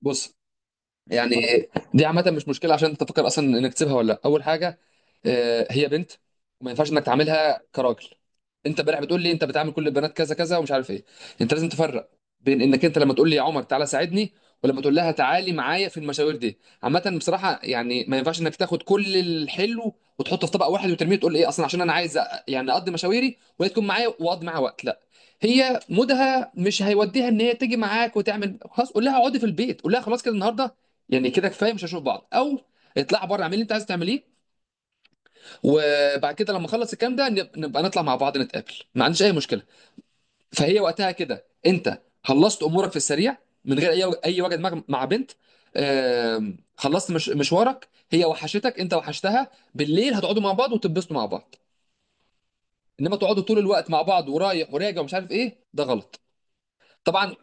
بص. يعني دي عامه، مش مشكله عشان انت تفكر اصلا انك تسيبها ولا لا. اول حاجه، هي بنت وما ينفعش انك تعاملها كراجل. انت امبارح بتقول لي انت بتعامل كل البنات كذا كذا ومش عارف ايه. انت لازم تفرق بين انك انت لما تقول لي يا عمر تعالى ساعدني، ولما تقول لها تعالي معايا في المشاوير. دي عامه بصراحه، يعني ما ينفعش انك تاخد كل الحلو وتحطه في طبق واحد وترميه. تقول ايه اصلا؟ عشان انا عايز يعني اقضي مشاويري وهي تكون معايا، واقضي معاها وقت، لا. هي مودها مش هيوديها ان هي تيجي معاك، وتعمل خلاص قول لها اقعدي في البيت، قول لها خلاص كده النهارده يعني كده كفايه، مش هنشوف بعض، او اطلع بره اعمل اللي انت عايز تعمليه، وبعد كده لما اخلص الكلام ده نبقى نطلع مع بعض نتقابل، ما عنديش اي مشكله. فهي وقتها كده انت خلصت امورك في السريع من غير اي وجد مع بنت. خلصت مش مشوارك، هي وحشتك، انت وحشتها، بالليل هتقعدوا مع بعض وتتبسطوا مع بعض. انما تقعدوا طول الوقت مع بعض ورايح وراجع ومش عارف ايه، ده غلط. طبعا.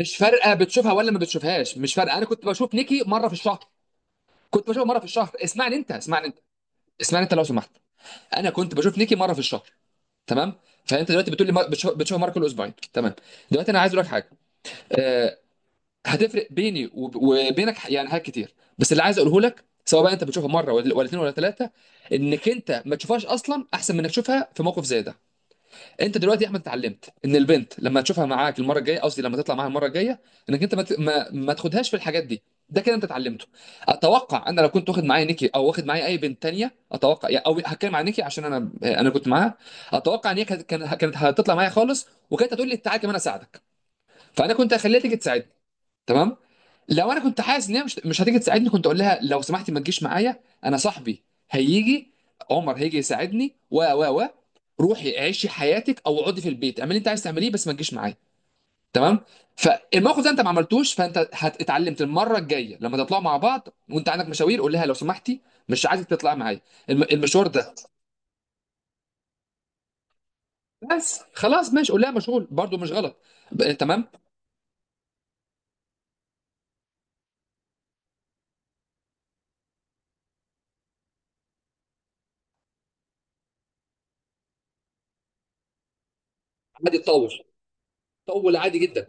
مش فارقه بتشوفها ولا ما بتشوفهاش، مش فارقه. انا كنت بشوف نيكي مره في الشهر، كنت بشوفها مره في الشهر. اسمعني انت، اسمعني انت، اسمعني انت لو سمحت. انا كنت بشوف نيكي مره في الشهر، تمام؟ فانت دلوقتي بتقول لي بتشوف مره كل اسبوعين، تمام. دلوقتي انا عايز اقول لك حاجه، آه، هتفرق بيني وبينك يعني حاجات كتير. بس اللي عايز اقوله لك، سواء بقى انت بتشوفها مره ولا اتنين ولا ثلاثه، انك انت ما تشوفهاش اصلا احسن من انك تشوفها في موقف زي ده. انت دلوقتي يا احمد اتعلمت ان البنت لما تشوفها معاك المره الجايه، قصدي لما تطلع معاها المره الجايه، انك انت ما ت- ما, ما تاخدهاش في الحاجات دي. ده كده انت اتعلمته. اتوقع انا لو كنت واخد معايا نيكي او واخد معايا اي بنت تانية، اتوقع يعني، او هتكلم عن نيكي عشان انا كنت معاها، اتوقع ان هي كانت كانت هتطلع معايا خالص، وكانت هتقول لي تعالى كمان اساعدك، فانا كنت هخليها تيجي تساعدني، تمام. لو انا كنت حاسس ان هي مش هتيجي تساعدني، كنت اقول لها لو سمحتي ما تجيش معايا، انا صاحبي هيجي، عمر هيجي يساعدني، و روحي عيشي حياتك، او اقعدي في البيت اعملي اللي انت عايز تعمليه، بس ما تجيش معايا، تمام. فالموقف ده انت ما عملتوش، فانت اتعلمت المره الجايه لما تطلعوا مع بعض وانت عندك مشاوير، قول لها لو سمحتي مش عايزك تطلعي معايا المشوار ده. بس خلاص، ماشي، قول لها مشغول، برضو مش غلط. تمام. عادي تطول، طول عادي جدا.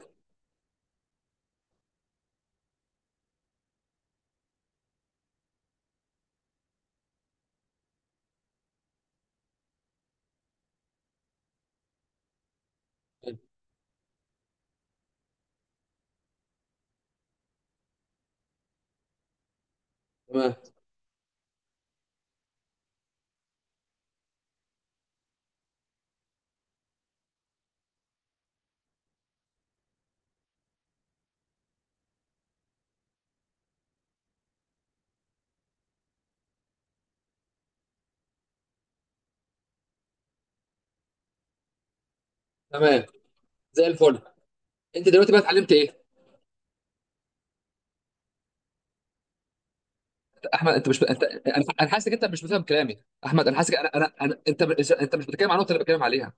تمام. تمام. زي الفل. انت دلوقتي بقى اتعلمت ايه؟ احمد، انت مش، انت انا حاسس انك انت مش بتفهم كلامي. احمد، انا حاسس انا انت، انت مش بتتكلم عن النقطه اللي بتكلم عليها.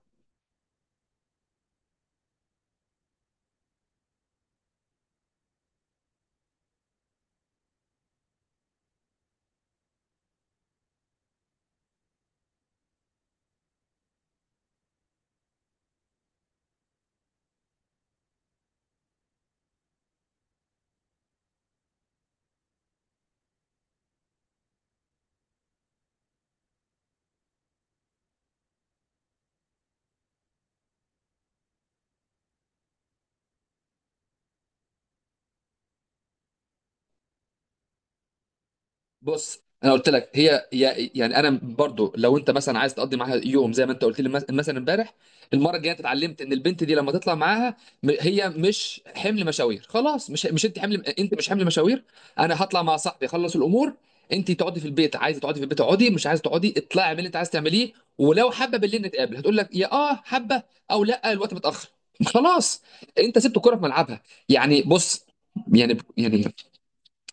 بص، انا قلت لك هي يعني انا برضو لو انت مثلا عايز تقضي معاها يوم زي ما انت قلت لي مثلا امبارح، المره الجايه أنت اتعلمت ان البنت دي لما تطلع معاها، هي مش حمل مشاوير، خلاص، مش انت، حمل، انت مش حمل مشاوير. انا هطلع مع صاحبي اخلص الامور، انت تقعدي في البيت، عايزه تقعدي في البيت اقعدي، مش عايزه تقعدي اطلعي اعملي اللي انت عايزه تعمليه، ولو حابه بالليل نتقابل، هتقول لك يا اه حابه، او لا الوقت متاخر. خلاص، انت سبت الكره في ملعبها. يعني بص، يعني يعني،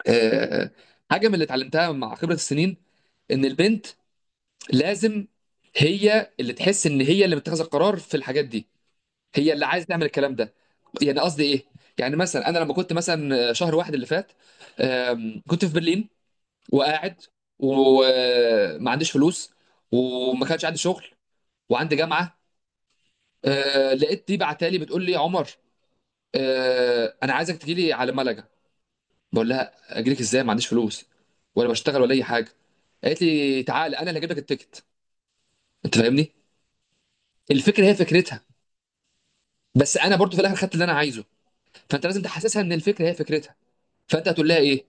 آه، حاجه من اللي اتعلمتها مع خبره السنين، ان البنت لازم هي اللي تحس ان هي اللي متخذه القرار في الحاجات دي، هي اللي عايزه تعمل الكلام ده. يعني قصدي ايه؟ يعني مثلا انا لما كنت مثلا شهر واحد اللي فات، كنت في برلين، وقاعد، وما عنديش فلوس، وما كانش عندي شغل، وعندي جامعه. لقيت دي بعتالي بتقول لي عمر، انا عايزك تجيلي على ملج. بقول لها اجيلك ازاي؟ ما عنديش فلوس ولا بشتغل ولا اي حاجه. قالت لي تعالى انا اللي هجيب لك التيكت. انت فاهمني، الفكره هي فكرتها، بس انا برضو في الاخر خدت اللي انا عايزه. فانت لازم تحسسها ان الفكره هي فكرتها. فانت هتقول لها ايه؟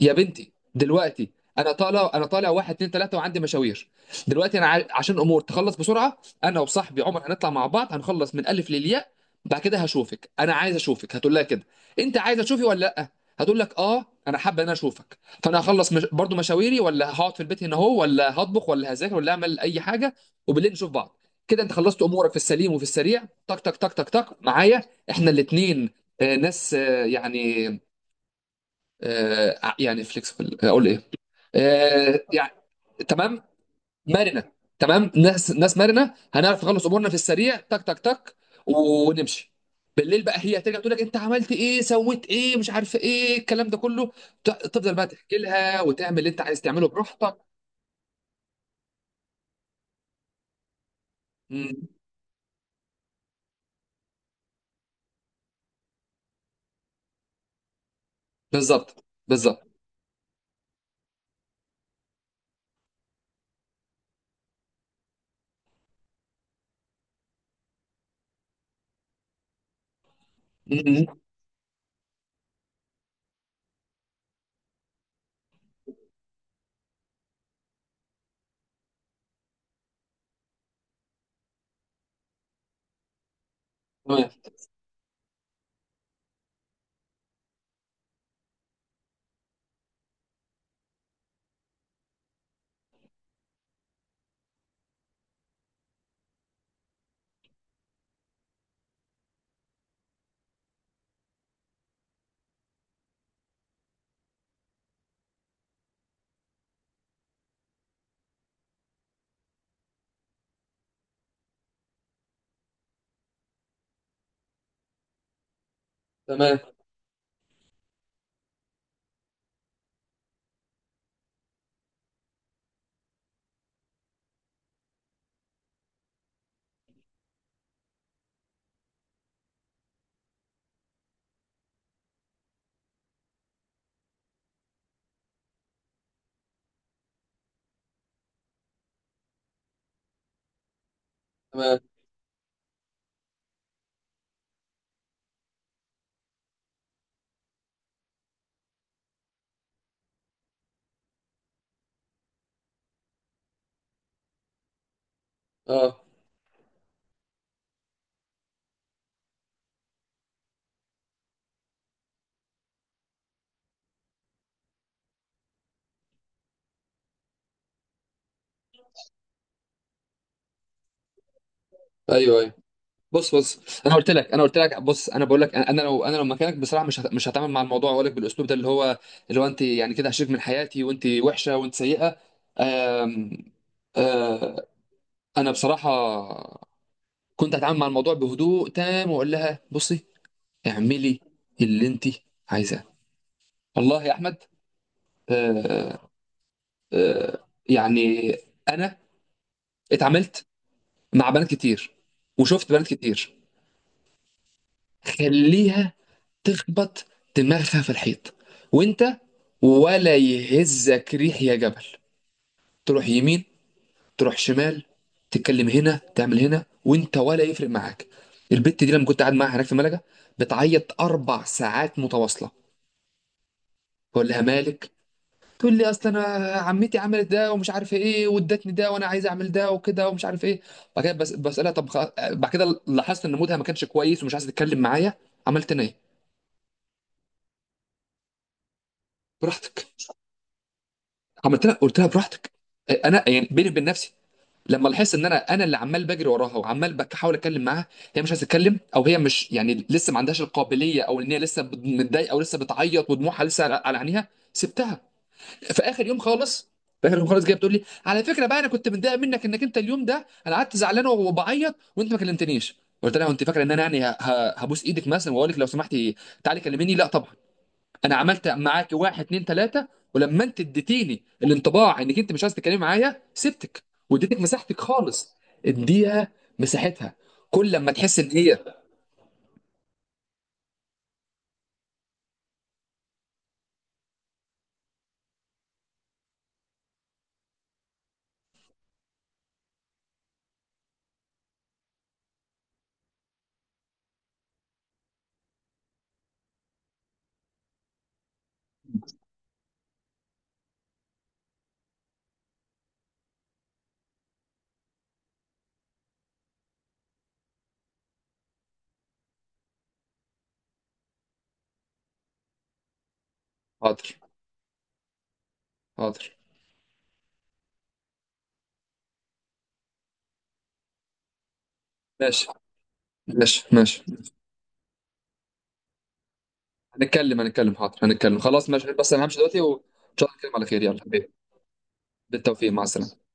يا بنتي دلوقتي، انا طالع، انا طالع واحد اتنين تلاته وعندي مشاوير، دلوقتي انا عشان امور تخلص بسرعه، انا وصاحبي عمر هنطلع مع بعض هنخلص من الف للياء، بعد كده هشوفك، انا عايز اشوفك. هتقول لها كده انت عايز تشوفي ولا لا؟ هتقول لك اه انا حابه ان انا اشوفك. فانا هخلص مش... برضو مشاويري، ولا هقعد في البيت هنا اهو، ولا هطبخ ولا هذاكر ولا اعمل اي حاجه، وبالليل نشوف بعض. كده انت خلصت امورك في السليم وفي السريع، تك تك تك تك تك معايا، احنا الاتنين ناس يعني يعني فليكسبل، اقول ايه، يعني. تمام. مرنه. تمام، ناس مرنه، هنعرف نخلص امورنا في السريع، تك تك تك، ونمشي. بالليل بقى، هي هترجع تقول لك انت عملت ايه، سويت ايه، مش عارف ايه الكلام ده كله، تفضل بقى تحكي لها وتعمل اللي انت عايز تعمله براحتك. مم. بالظبط، بالظبط. مم. تمام. تمام. تمام. اه. ايوه، ايوه. بص، بص، انا قلت لك، انا قلت لك، بص، انا بقول لك، انا لو انا، لو مكانك بصراحه، مش هتعامل مع الموضوع واقول لك بالاسلوب ده، اللي هو اللي هو انت يعني كده هشيك من حياتي، وانت وحشه وانت سيئه. آم، آه، انا بصراحه كنت هتعامل مع الموضوع بهدوء تام، واقول لها بصي اعملي اللي انت عايزاه. والله يا احمد، آه، يعني انا اتعاملت مع بنات كتير، وشفت بنات كتير. خليها تخبط دماغها في الحيط، وانت ولا يهزك ريح يا جبل. تروح يمين، تروح شمال، تتكلم هنا، تعمل هنا، وانت ولا يفرق معاك. البت دي لما كنت قاعد معاها هناك في ملجا، بتعيط اربع ساعات متواصله، بقول لها مالك، تقول لي اصل انا عمتي عملت ده ومش عارف ايه، وادتني ده وانا عايز اعمل ده، وكده ومش عارف ايه. بعد كده بس بسالها طب بعد كده لاحظت ان مودها ما كانش كويس ومش عايزه تتكلم معايا. عملت انا ايه؟ براحتك. عملت لها، قلت لها براحتك. انا يعني بيني وبين نفسي لما لاحظت ان انا اللي عمال بجري وراها، وعمال بحاول اتكلم معاها، هي مش عايزه تتكلم، او هي مش يعني لسه ما عندهاش القابليه، او ان هي لسه متضايقه، او لسه بتعيط ودموعها لسه على عينيها، سبتها. في اخر يوم خالص، في اخر يوم خالص، جايه بتقول لي على فكره بقى، انا كنت متضايق منك، انك انت اليوم ده انا قعدت زعلان وبعيط وانت ما كلمتنيش. قلت لها انت فاكره ان انا يعني هبوس ايدك مثلا واقول لك لو سمحتي تعالي كلميني، لا طبعا. انا عملت معاك واحد اتنين تلاته، ولما انت اديتيني الانطباع انك انت مش عايز تتكلمي معايا، سبتك واديتك مساحتك خالص. اديها مساحتها كل لما تحس ان هي. حاضر. حاضر. ماشي، ماشي، ماشي. هنتكلم، هنتكلم، حاضر هنتكلم، خلاص ماشي، بس انا همشي دلوقتي، وان شاء الله نتكلم على خير، يلا حبيبي. بالتوفيق، مع السلامه.